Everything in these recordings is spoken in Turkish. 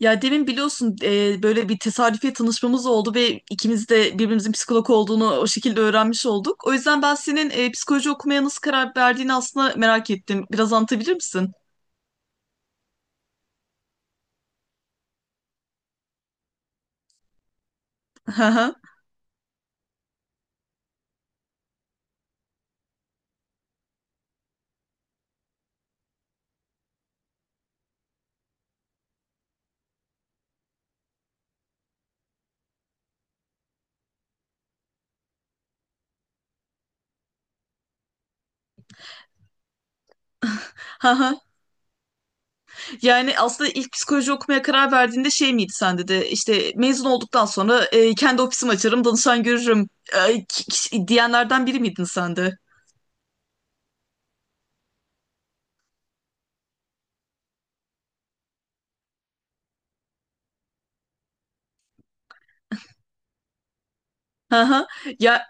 Ya demin biliyorsun böyle bir tesadüfiye tanışmamız oldu ve ikimiz de birbirimizin psikolog olduğunu o şekilde öğrenmiş olduk. O yüzden ben senin psikoloji okumaya nasıl karar verdiğini aslında merak ettim. Biraz anlatabilir misin? Haha. Haha. Yani aslında ilk psikoloji okumaya karar verdiğinde şey miydi sende de işte mezun olduktan sonra kendi ofisimi açarım, danışan görürüm, diyenlerden biri miydin sen de? Haha. Ya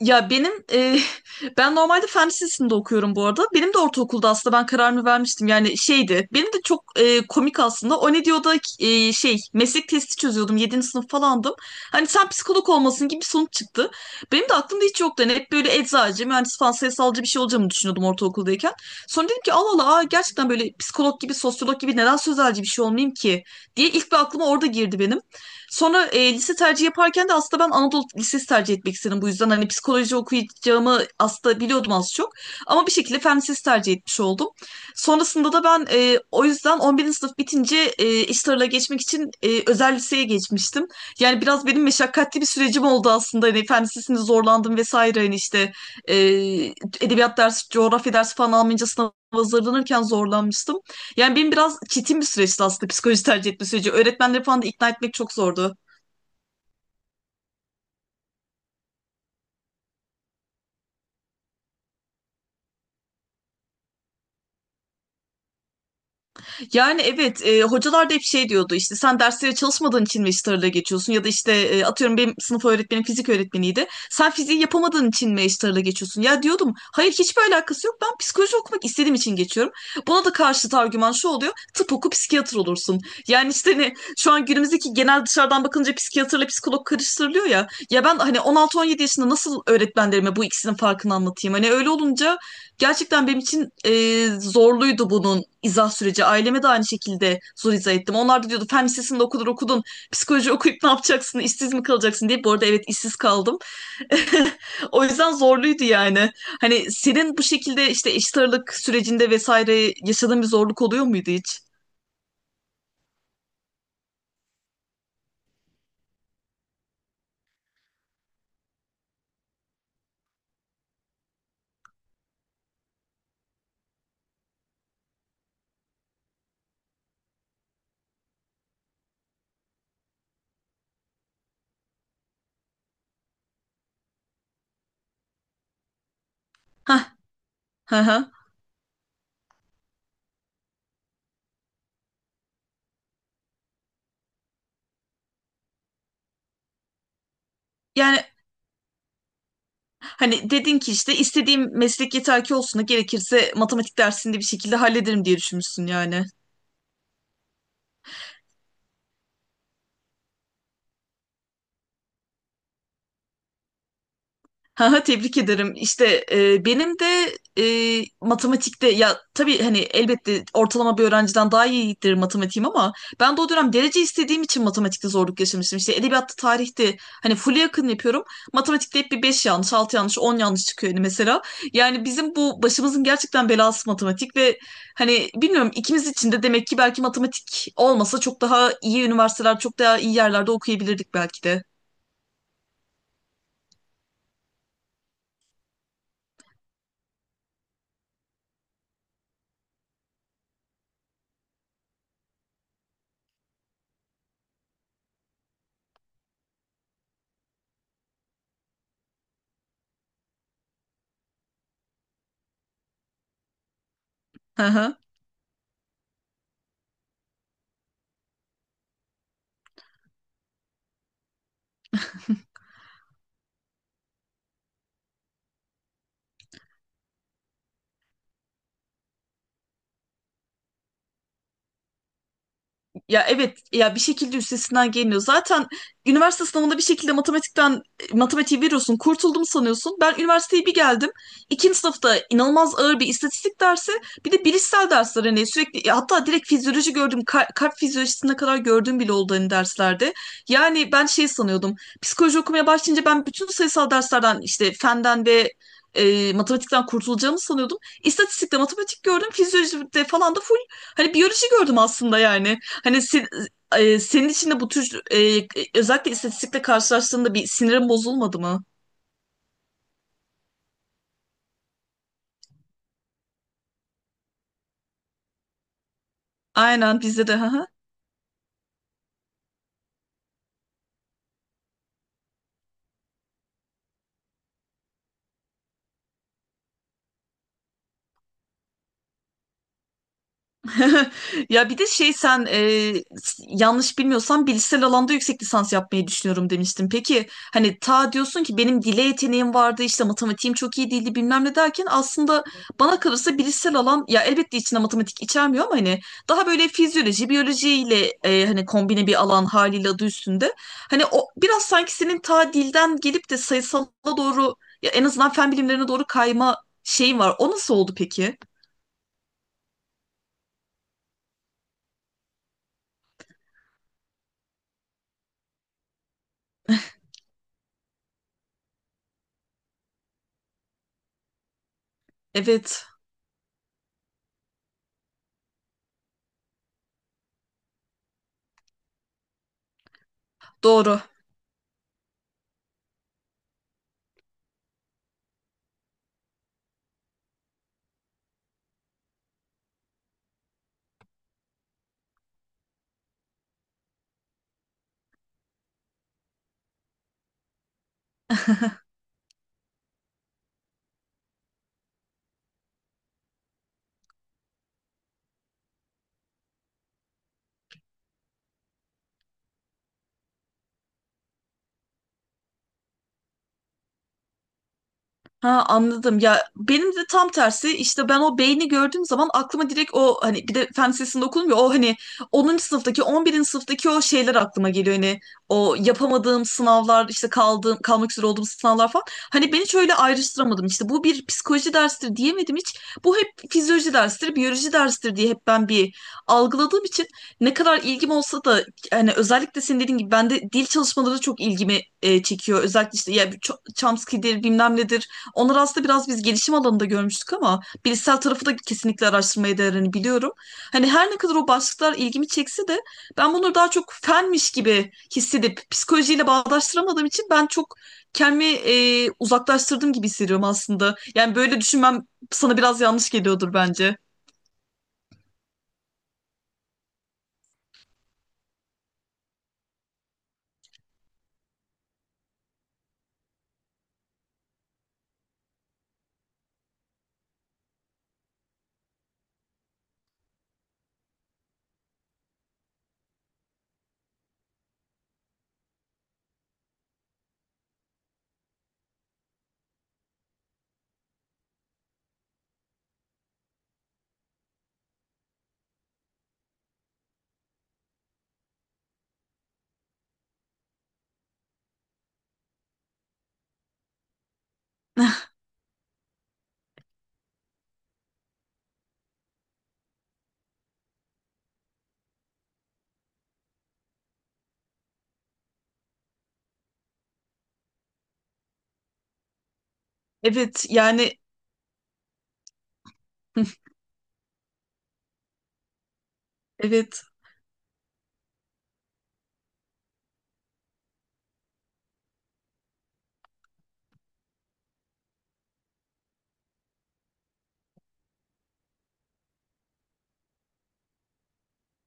Ya benim ben normalde fen lisesinde okuyorum bu arada. Benim de ortaokulda aslında ben kararımı vermiştim. Yani şeydi. Benim de çok komik aslında. O ne diyor, meslek testi çözüyordum. Yedinci sınıf falandım. Hani sen psikolog olmasın gibi bir sonuç çıktı. Benim de aklımda hiç yoktu. Hani hep böyle eczacı, mühendis falan sayısalcı bir şey olacağımı düşünüyordum ortaokuldayken. Sonra dedim ki Allah Allah aa, gerçekten böyle psikolog gibi, sosyolog gibi neden sözelci bir şey olmayayım ki diye ilk bir aklıma orada girdi benim. Sonra lise tercihi yaparken de aslında ben Anadolu Lisesi tercih etmek istedim. Bu yüzden hani psikoloji okuyacağımı aslında biliyordum az çok. Ama bir şekilde fen lisesi tercih etmiş oldum. Sonrasında da ben, o yüzden 11. sınıf bitince iş tarla geçmek için özel liseye geçmiştim. Yani biraz benim meşakkatli bir sürecim oldu aslında. Hani fen lisesinde zorlandım vesaire. Hani işte e, edebiyat dersi, coğrafya dersi falan almayınca sınava hazırlanırken zorlanmıştım. Yani benim biraz çetin bir süreçti aslında psikoloji tercih etme süreci. Öğretmenleri falan da ikna etmek çok zordu. Yani evet, hocalar da hep şey diyordu işte sen derslere çalışmadığın için Magister'la geçiyorsun ya da işte, atıyorum benim sınıf öğretmenim fizik öğretmeniydi. Sen fiziği yapamadığın için Magister'la geçiyorsun. Ya diyordum hayır hiçbir alakası yok ben psikoloji okumak istediğim için geçiyorum. Buna da karşıt argüman şu oluyor tıp oku psikiyatr olursun. Yani işte hani şu an günümüzdeki genel dışarıdan bakınca psikiyatrla psikolog karıştırılıyor ya. Ya ben hani 16-17 yaşında nasıl öğretmenlerime bu ikisinin farkını anlatayım? Hani öyle olunca gerçekten benim için zorluydu bunun izah süreci. Aileme de aynı şekilde zor izah ettim. Onlar da diyordu fen lisesinde okudun okudun. Psikoloji okuyup ne yapacaksın? İşsiz mi kalacaksın diye. Bu arada evet işsiz kaldım. O yüzden zorluydu yani. Hani senin bu şekilde işte eşit ağırlık sürecinde vesaire yaşadığın bir zorluk oluyor muydu hiç? Hah, hı hı. Yani hani dedin ki işte istediğim meslek yeter ki olsun da gerekirse matematik dersini de bir şekilde hallederim diye düşünmüşsün yani. Ha ha, tebrik ederim. İşte benim de matematikte, ya tabii hani elbette ortalama bir öğrenciden daha iyidir matematiğim ama ben de o dönem derece istediğim için matematikte zorluk yaşamıştım. İşte edebiyatta, tarihte hani full'e yakın yapıyorum. Matematikte hep bir 5 yanlış, 6 yanlış, 10 yanlış çıkıyor hani mesela. Yani bizim bu başımızın gerçekten belası matematik ve hani bilmiyorum ikimiz için de demek ki belki matematik olmasa çok daha iyi üniversiteler, çok daha iyi yerlerde okuyabilirdik belki de. Hı hı. Ya evet, ya bir şekilde üstesinden geliniyor. Zaten üniversite sınavında bir şekilde matematiği veriyorsun. Kurtuldum sanıyorsun. Ben üniversiteye bir geldim. İkinci sınıfta inanılmaz ağır bir istatistik dersi, bir de bilişsel dersler hani sürekli ya hatta direkt fizyoloji gördüm. Kalp fizyolojisine kadar gördüğüm bile oldu hani derslerde. Yani ben şey sanıyordum. Psikoloji okumaya başlayınca ben bütün sayısal derslerden işte fenden ve matematikten kurtulacağımı sanıyordum. İstatistikte matematik gördüm, fizyolojide falan da full hani biyoloji gördüm aslında yani. Hani sen- senin için de bu tür, özellikle istatistikle karşılaştığında bir sinirin bozulmadı mı? Aynen bizde de. Ya bir de şey sen, yanlış bilmiyorsam bilişsel alanda yüksek lisans yapmayı düşünüyorum demiştin. Peki hani ta diyorsun ki benim dile yeteneğim vardı işte matematiğim çok iyi değildi bilmem ne derken aslında bana kalırsa bilişsel alan ya elbette içinde matematik içermiyor ama hani daha böyle fizyoloji biyolojiyle hani kombine bir alan haliyle adı üstünde. Hani o biraz sanki senin ta dilden gelip de sayısala doğru, ya en azından fen bilimlerine doğru kayma şeyin var. O nasıl oldu peki? Evet doğru. Ha anladım. Ya benim de tam tersi işte ben o beyni gördüğüm zaman aklıma direkt o hani bir de fen lisesinde okudum ya o hani 10. sınıftaki 11. sınıftaki o şeyler aklıma geliyor. Hani o yapamadığım sınavlar işte kaldığım kalmak üzere olduğum sınavlar falan. Hani beni hiç öyle ayrıştıramadım. İşte bu bir psikoloji dersidir diyemedim hiç. Bu hep fizyoloji dersidir, biyoloji dersidir diye hep ben bir algıladığım için ne kadar ilgim olsa da hani özellikle senin dediğin gibi bende dil çalışmaları çok ilgimi çekiyor. Özellikle işte ya bir Chomsky'dir bilmem nedir. Onları aslında biraz biz gelişim alanında görmüştük ama bilişsel tarafı da kesinlikle araştırmaya değerini biliyorum. Hani her ne kadar o başlıklar ilgimi çekse de ben bunları daha çok fenmiş gibi hissedip psikolojiyle bağdaştıramadığım için ben çok kendimi uzaklaştırdım gibi hissediyorum aslında. Yani böyle düşünmem sana biraz yanlış geliyordur bence. Evet yani. Evet.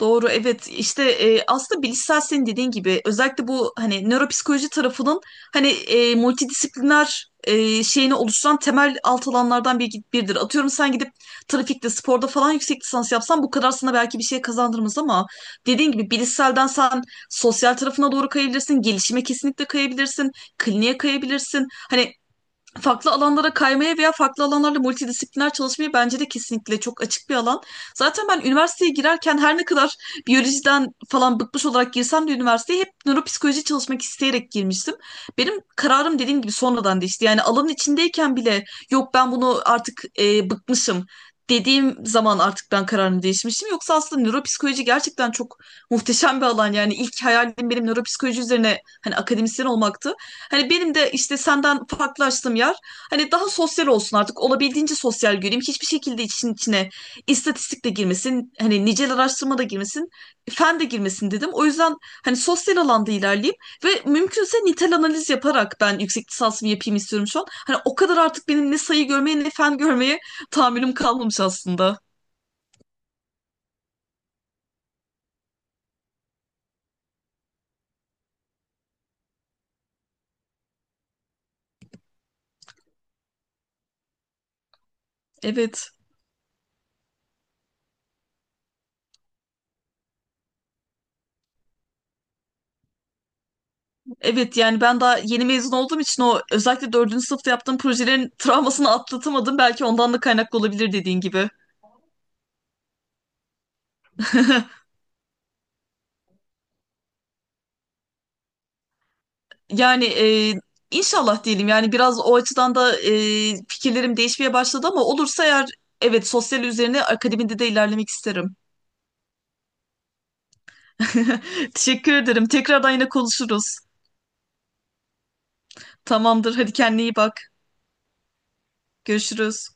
Doğru evet, işte aslında bilişsel senin dediğin gibi özellikle bu hani nöropsikoloji tarafının hani multidisipliner şeyini oluşturan temel alt alanlardan biridir. Atıyorum sen gidip trafikte sporda falan yüksek lisans yapsan bu kadar sana belki bir şey kazandırmaz ama dediğin gibi bilişselden sen sosyal tarafına doğru kayabilirsin, gelişime kesinlikle kayabilirsin, kliniğe kayabilirsin. Hani farklı alanlara kaymaya veya farklı alanlarla multidisipliner çalışmayı bence de kesinlikle çok açık bir alan. Zaten ben üniversiteye girerken her ne kadar biyolojiden falan bıkmış olarak girsem de üniversiteye hep nöropsikoloji çalışmak isteyerek girmiştim. Benim kararım dediğim gibi sonradan değişti. Yani alanın içindeyken bile yok ben bunu artık, bıkmışım dediğim zaman artık ben kararımı değişmiştim. Yoksa aslında nöropsikoloji gerçekten çok muhteşem bir alan. Yani ilk hayalim benim nöropsikoloji üzerine hani akademisyen olmaktı. Hani benim de işte senden farklılaştığım yer hani daha sosyal olsun artık olabildiğince sosyal göreyim. Hiçbir şekilde için içine istatistik de girmesin, hani nicel araştırma da girmesin, fen de girmesin dedim. O yüzden hani sosyal alanda ilerleyeyim ve mümkünse nitel analiz yaparak ben yüksek lisansımı yapayım istiyorum şu an. Hani o kadar artık benim ne sayı görmeye ne fen görmeye tahammülüm kalmamış aslında. Evet. Evet yani ben daha yeni mezun olduğum için o özellikle dördüncü sınıfta yaptığım projelerin travmasını atlatamadım. Belki ondan da kaynaklı olabilir dediğin gibi. Yani, inşallah diyelim yani biraz o açıdan da fikirlerim değişmeye başladı ama olursa eğer evet sosyal üzerine akademide de ilerlemek isterim. Teşekkür ederim. Tekrardan yine konuşuruz. Tamamdır. Hadi kendine iyi bak. Görüşürüz.